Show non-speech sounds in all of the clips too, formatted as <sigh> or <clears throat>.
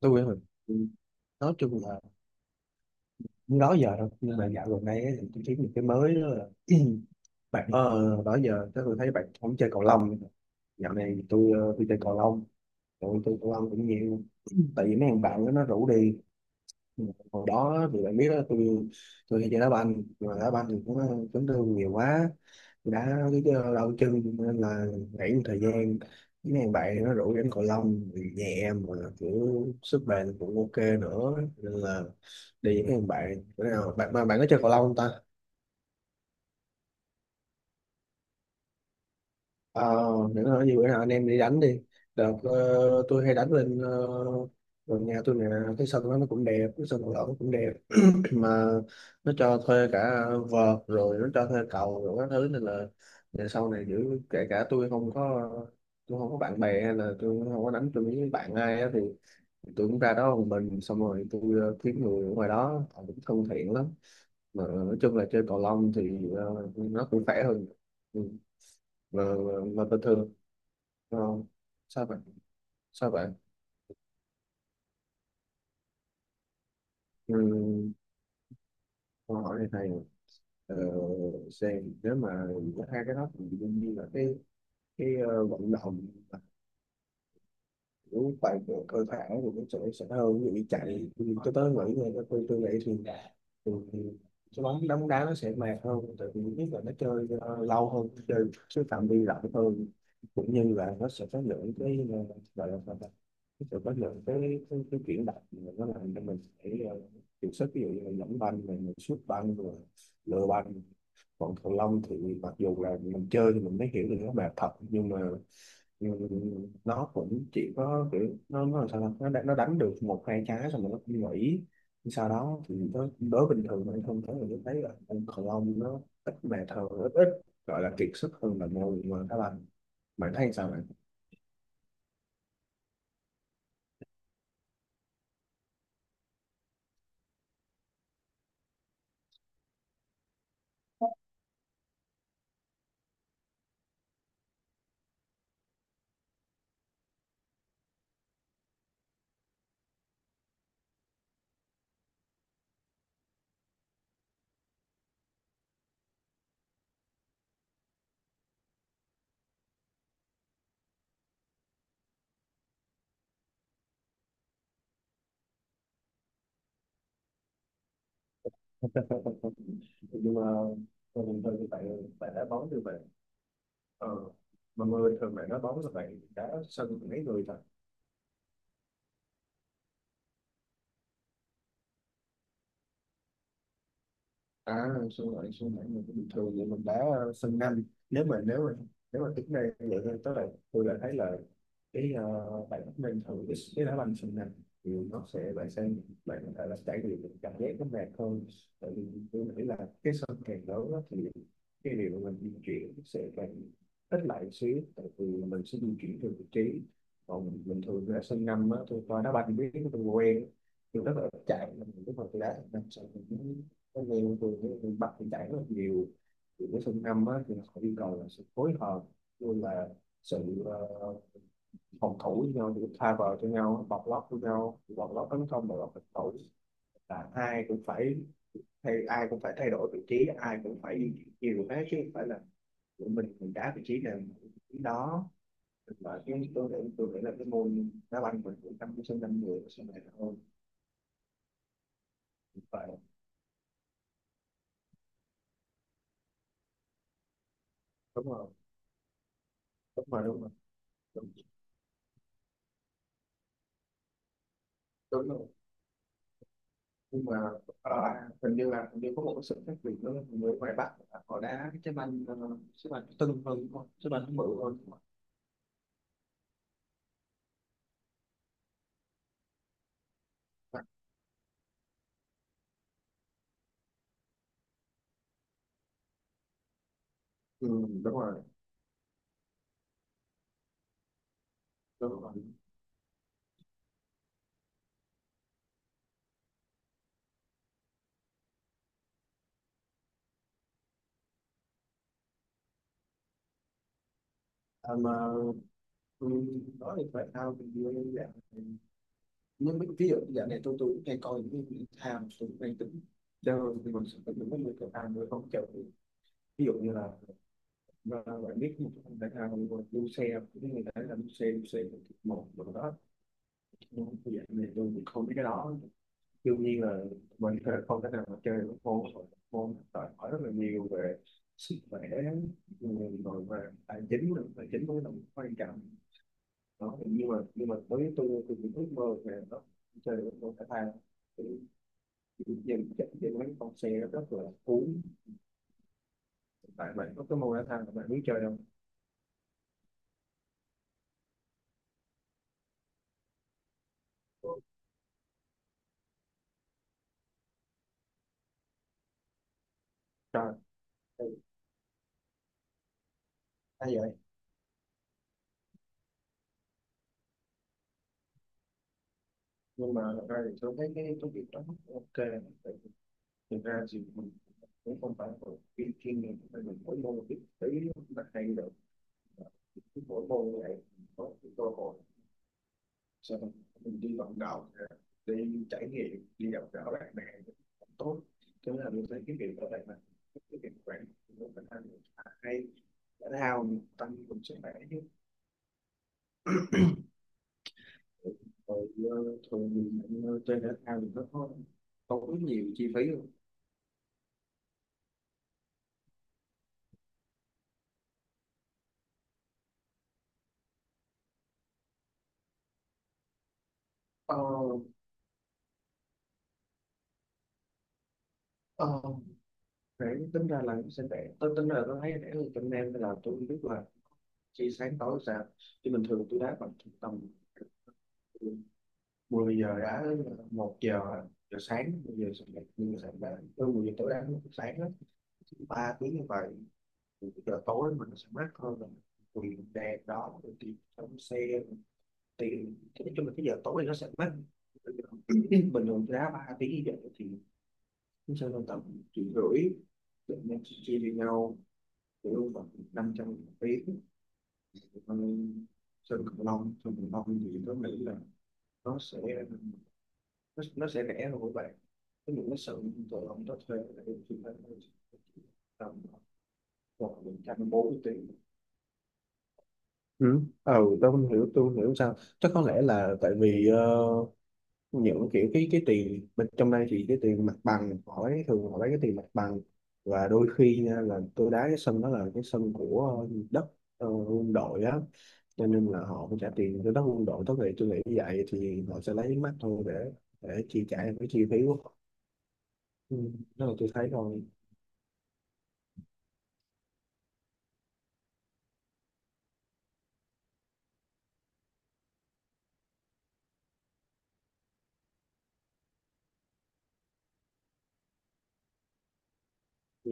Tôi á, mình nói chung là cũng đó giờ thôi, nhưng mà dạo gần đây ấy, thì tôi thấy một cái mới đó là <clears throat> bạn đó giờ chắc tôi thấy bạn không chơi cầu lông nữa. Dạo này thì tôi chơi cầu lông, tôi chơi cầu lông cũng nhiều <clears throat> tại vì mấy thằng bạn đó nó rủ đi. Ừ, hồi đó thì bạn biết đó, tôi hay chơi đá banh, mà đá banh thì cũng chấn thương nhiều quá, đã cái đau chân nên là nghỉ một thời gian. Cái mấy bạn nó rủ đánh cầu lông thì nhẹ mà kiểu sức bền cũng ok nữa, nên là đi với mấy bạn. Bữa nào bạn mà bạn có chơi cầu lông không ta? ờ để nói gì bữa nào anh em đi đánh đi. Đợt tôi hay đánh lên gần nhà tôi nè. Cái sân đó nó cũng đẹp, cái sân cầu lông nó cũng đẹp, mà nó cho thuê cả vợt, rồi nó cho thuê cầu rồi các thứ, nên là về sau này giữ kể cả tôi không có bạn bè, hay là tôi không có đánh tôi với bạn ai á, thì tôi cũng ra đó một mình, xong rồi tôi kiếm người ở ngoài đó, họ cũng thân thiện lắm. Mà nói chung là chơi cầu lông thì nó cũng khỏe hơn. Ừ. mà, mà bình thường ờ, sao vậy? Sao vậy? Ừ. Câu hỏi này hay à? ờ, xem nếu mà có hai cái đó thì đương nhiên là cái vận động mà kiểu bài bộ cơ bản thì nó sẽ hơn, ví dụ như chạy. Tôi tới nghĩ là tôi tôi nghĩ thì cái bóng đá nó sẽ mệt hơn, tại vì thứ nhất là nó chơi lâu hơn, chơi cái phạm vi rộng hơn, cũng như là nó sẽ có lượng cái gọi là sao ta? Nó sẽ có lượng cái chuyển động mà nó làm cho mình phải uh, điều sức, ví dụ như là dẫn banh rồi mình sút banh rồi lừa banh. Còn cầu lông thì mặc dù là mình chơi thì mình mới hiểu được nó mệt thật, nhưng mà ừ, nó cũng chỉ có kiểu nó làm sao ta? Nó đánh được một hai trái xong rồi nó cũng nghỉ. Sau đó thì đối bình thường anh không thấy là, tôi thấy là ông cầu lông nó ít bàn thờ, ít ít gọi là kiệt sức hơn là ngồi mà các bạn. Bạn thấy sao bạn? <laughs> Nhưng mà tôi bình thường thì bạn, bạn đá bóng như vậy ờ, mà người bình thường bạn đá bóng là bạn đá sân mấy người ta? À, xuân lại mình cũng bình thường vậy, mình đá sân nhanh. Nếu mà nếu mà tính đây vậy thôi, tức là tôi là thấy là cái bạn mình thử cái đá banh sân nhanh thì nó sẽ, bạn sẽ bạn có thể là trải nghiệm được cảm giác nó mệt hơn. Tại vì tôi nghĩ là cái sân càng lớn đó, thì cái điều mà mình di chuyển sẽ càng ít lại một xíu, tại vì mình sẽ di chuyển theo vị trí. Còn mình bình thường ra sân năm á, tôi coi đá banh biết, tôi quen, tôi rất là ít chạy, nên lúc mà tôi đá sân năm sân cái này từ cái miền Bắc thì đảng rất nhiều, thì cái phương năm á, thì họ yêu cầu là sự phối hợp, luôn là sự phòng thủ với nhau, thì tha vào cho nhau, bọc lót với nhau, bọc lót tấn công, bọc lót phòng thủ, là ai cũng phải ai cũng phải thay đổi vị trí, ai cũng phải đi nhiều thế, chứ không phải là tụi mình đá vị trí này vị trí đó. Và cái tôi nghĩ là cái môn đá banh mình cũng 5 đến 5 người sau này là hơn. Phải, đúng không? Đúng rồi. Đúng. Đúng rồi. Nhưng mà ờ, hình như là, hình như có một cái sự khác biệt nữa là người ngoài Bắc là họ đá cái trái banh trái banh tưng hơn, đúng không? Trái banh nó bự hơn, đúng không? Ừ, đúng rồi, đúng rồi. À, mà ừ, nói về thể thao thì như em dạng này, nhưng mà ví dụ dạng này tôi cũng hay coi những cái thể thao, tôi cũng hay tính chơi, thì mình sẽ có những cái người thể thao, người không chơi. Ví dụ như là ờ, bạn biết một cái thể thao như là đua xe, những người ta làm đua xe, đua xe một một rồi đó, nhưng mà cái dạng này tôi cũng không biết cái đó. Đương nhiên là mình không thể nào mà chơi một môn môn đòi hỏi rất là nhiều về sức khỏe người rồi về tài chính nữa. Tài chính cũng là quan trọng đó. Nhưng mà với tôi cũng ước mơ về nó, chơi được môn thể thao thì dần chắc dần mấy con xe rất là cuốn. Tại bạn có cái môn thể thao là bạn muốn chơi đâu? Trời, hay vậy. Nhưng mà thật ra thì tôi thấy cái công việc đó ok. Thực ra thì cũng không phải một cái chuyên nghiệp, mà mình mỗi môn biết tí là hay được. Mỗi môn như vậy có cái cơ hội sau đó mình đi vận động, đi trải nghiệm, đi gặp gỡ bạn bè, tốt. Thế là mình thấy cái việc ở đây là cái việc quản nó phải hay, hay, thể thao mình tăng cường sức khỏe chứ. Rồi thường thì chơi thể thao thì nó có tốn nhiều chi phí không? Ờ, ờ, để tính ra là nó sẽ, để tôi tính là tôi thấy để hơn tụi em, là tôi không biết là chỉ sáng tối sao, chứ bình thường tôi đá bằng tầm 10 giờ đã 1 giờ giờ sáng, 10 giờ sáng dậy, nhưng mà từ 10 giờ tối đá sáng đó 3 tiếng như vậy. Giờ tối mình sẽ mát hơn là vì đèn đó, rồi tiền trong xe rồi tiền, nói chung là cái giờ tối nó sẽ mát. <coughs> Bình thường tôi đá 3 tiếng như vậy thì cũng sẽ lên tầm 1,5 triệu, tụi mình chia chia với nhau chỉ đâu khoảng 500 tiếng. Sơn cửu long, sơn cửu long thì tôi nghĩ là nó sẽ nó sẽ rẻ hơn của bạn. Cái những cái sự tụi ông đó thuê là em chỉ phải tầm khoảng 140 tiền. Ừ. Ừ, tôi không hiểu sao, chắc có lẽ là tại vì những kiểu cái tiền bên trong đây thì cái tiền mặt bằng họ lấy, thường họ lấy cái tiền mặt bằng. Và đôi khi nha, là tôi đá cái sân đó là cái sân của đất quân đội á, cho nên là họ phải trả tiền cho tất quân đội, tất nghệ tôi nghĩ như vậy, thì họ sẽ lấy mắt thôi để chi trả cái chi phí của họ. Ừ, đó là tôi thấy thôi.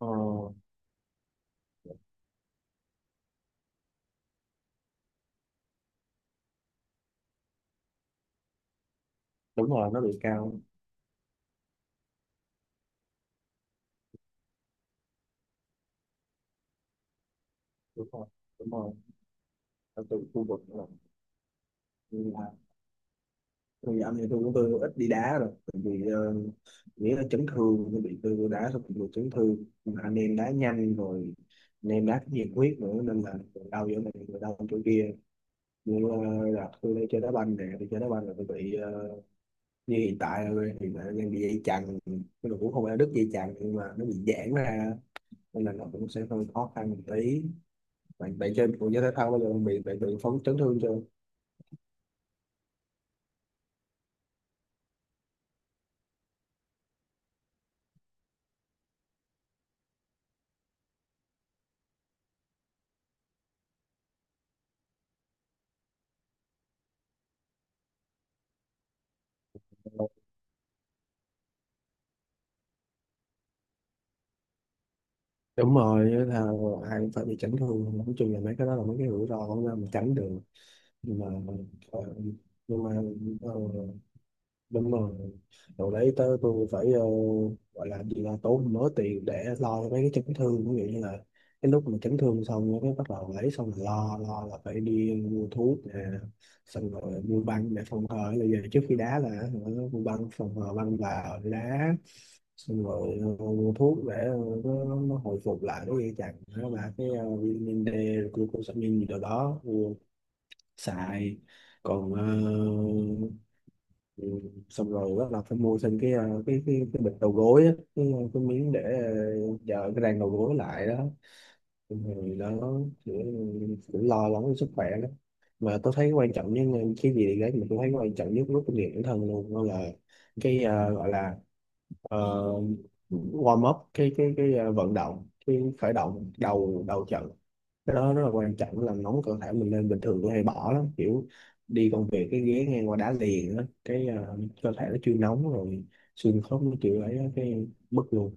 ờ, Đúng rồi, nó bị cao. Đúng rồi, đúng rồi. Ở từ khu vực là thì anh, thì tôi cũng, tôi ít đi đá rồi, tại vì nghĩa là chấn thương, tôi bị, tôi vô đá xong bị chấn thương. Mà anh em đá nhanh rồi, anh em đá nhiệt huyết nữa, nên là người đau giữa này, người đau chỗ kia. Nhưng là tôi đi chơi đá banh nè, đi chơi đá banh là tôi bị như hiện tại là hiện tại đang bị dây chằng cái đồ, cũng không phải là đứt dây chằng nhưng mà nó bị giãn ra, nên là nó cũng sẽ hơi khó khăn một tí. Bạn bạn chơi bộ môn thể thao bao giờ bạn bị phóng chấn thương chưa? Đúng rồi, với thao ai cũng phải bị chấn thương, nói chung là mấy cái đó là mấy cái rủi ro không ra mình tránh được. Nhưng mà ờ, nhưng mà ờ, đúng rồi. Rồi đấy tới tôi phải gọi là gì, là tốn mớ tiền để lo cho mấy cái chấn thương. Ví dụ như là cái lúc mà chấn thương xong cái bắt đầu lấy, xong rồi lo lo là phải đi mua thuốc nè, xong rồi mua băng để phòng hờ bây giờ, trước khi đá là hả, mua băng phòng hờ băng vào để đá. Xong rồi mua thuốc để nó hồi phục lại, nó dây chằng, nó là cái vitamin D, glucosamine gì đó đó, mua xài. Còn ờ, ừ. Xong rồi bắt đầu phải mua thêm cái bịch đầu gối á, cái miếng để giờ cái rang đầu gối lại đó. Xong rồi nó cũng cũng lo lắng cho sức khỏe đó. Mà tôi thấy quan trọng nhất, cái gì đấy mà tôi thấy quan trọng nhất lúc tôi luyện bản thân luôn đó là cái gọi là ờ, warm up cái vận động, cái khởi động đầu đầu trận. Cái đó rất là quan trọng, làm nóng cơ thể mình lên. Bình thường tôi hay bỏ lắm, kiểu đi công việc cái ghế ngang qua đá liền á, cái cơ thể nó chưa nóng rồi xương khớp nó chịu lấy á, cái bứt luôn.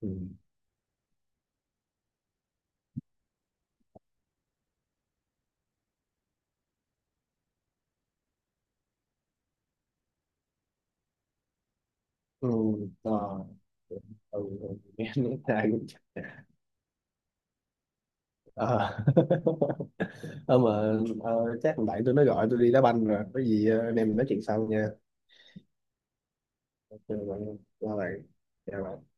Ừ. Ừ, ờ, ừ, ừ, nghe nói sai cũng- ờ. <laughs> Ờ, mà chắc thằng bạn tôi nó gọi tôi đi đá banh rồi, có gì anh em mình nói chuyện sau nha. Ok, bạn, chào bạn. Chào bạn.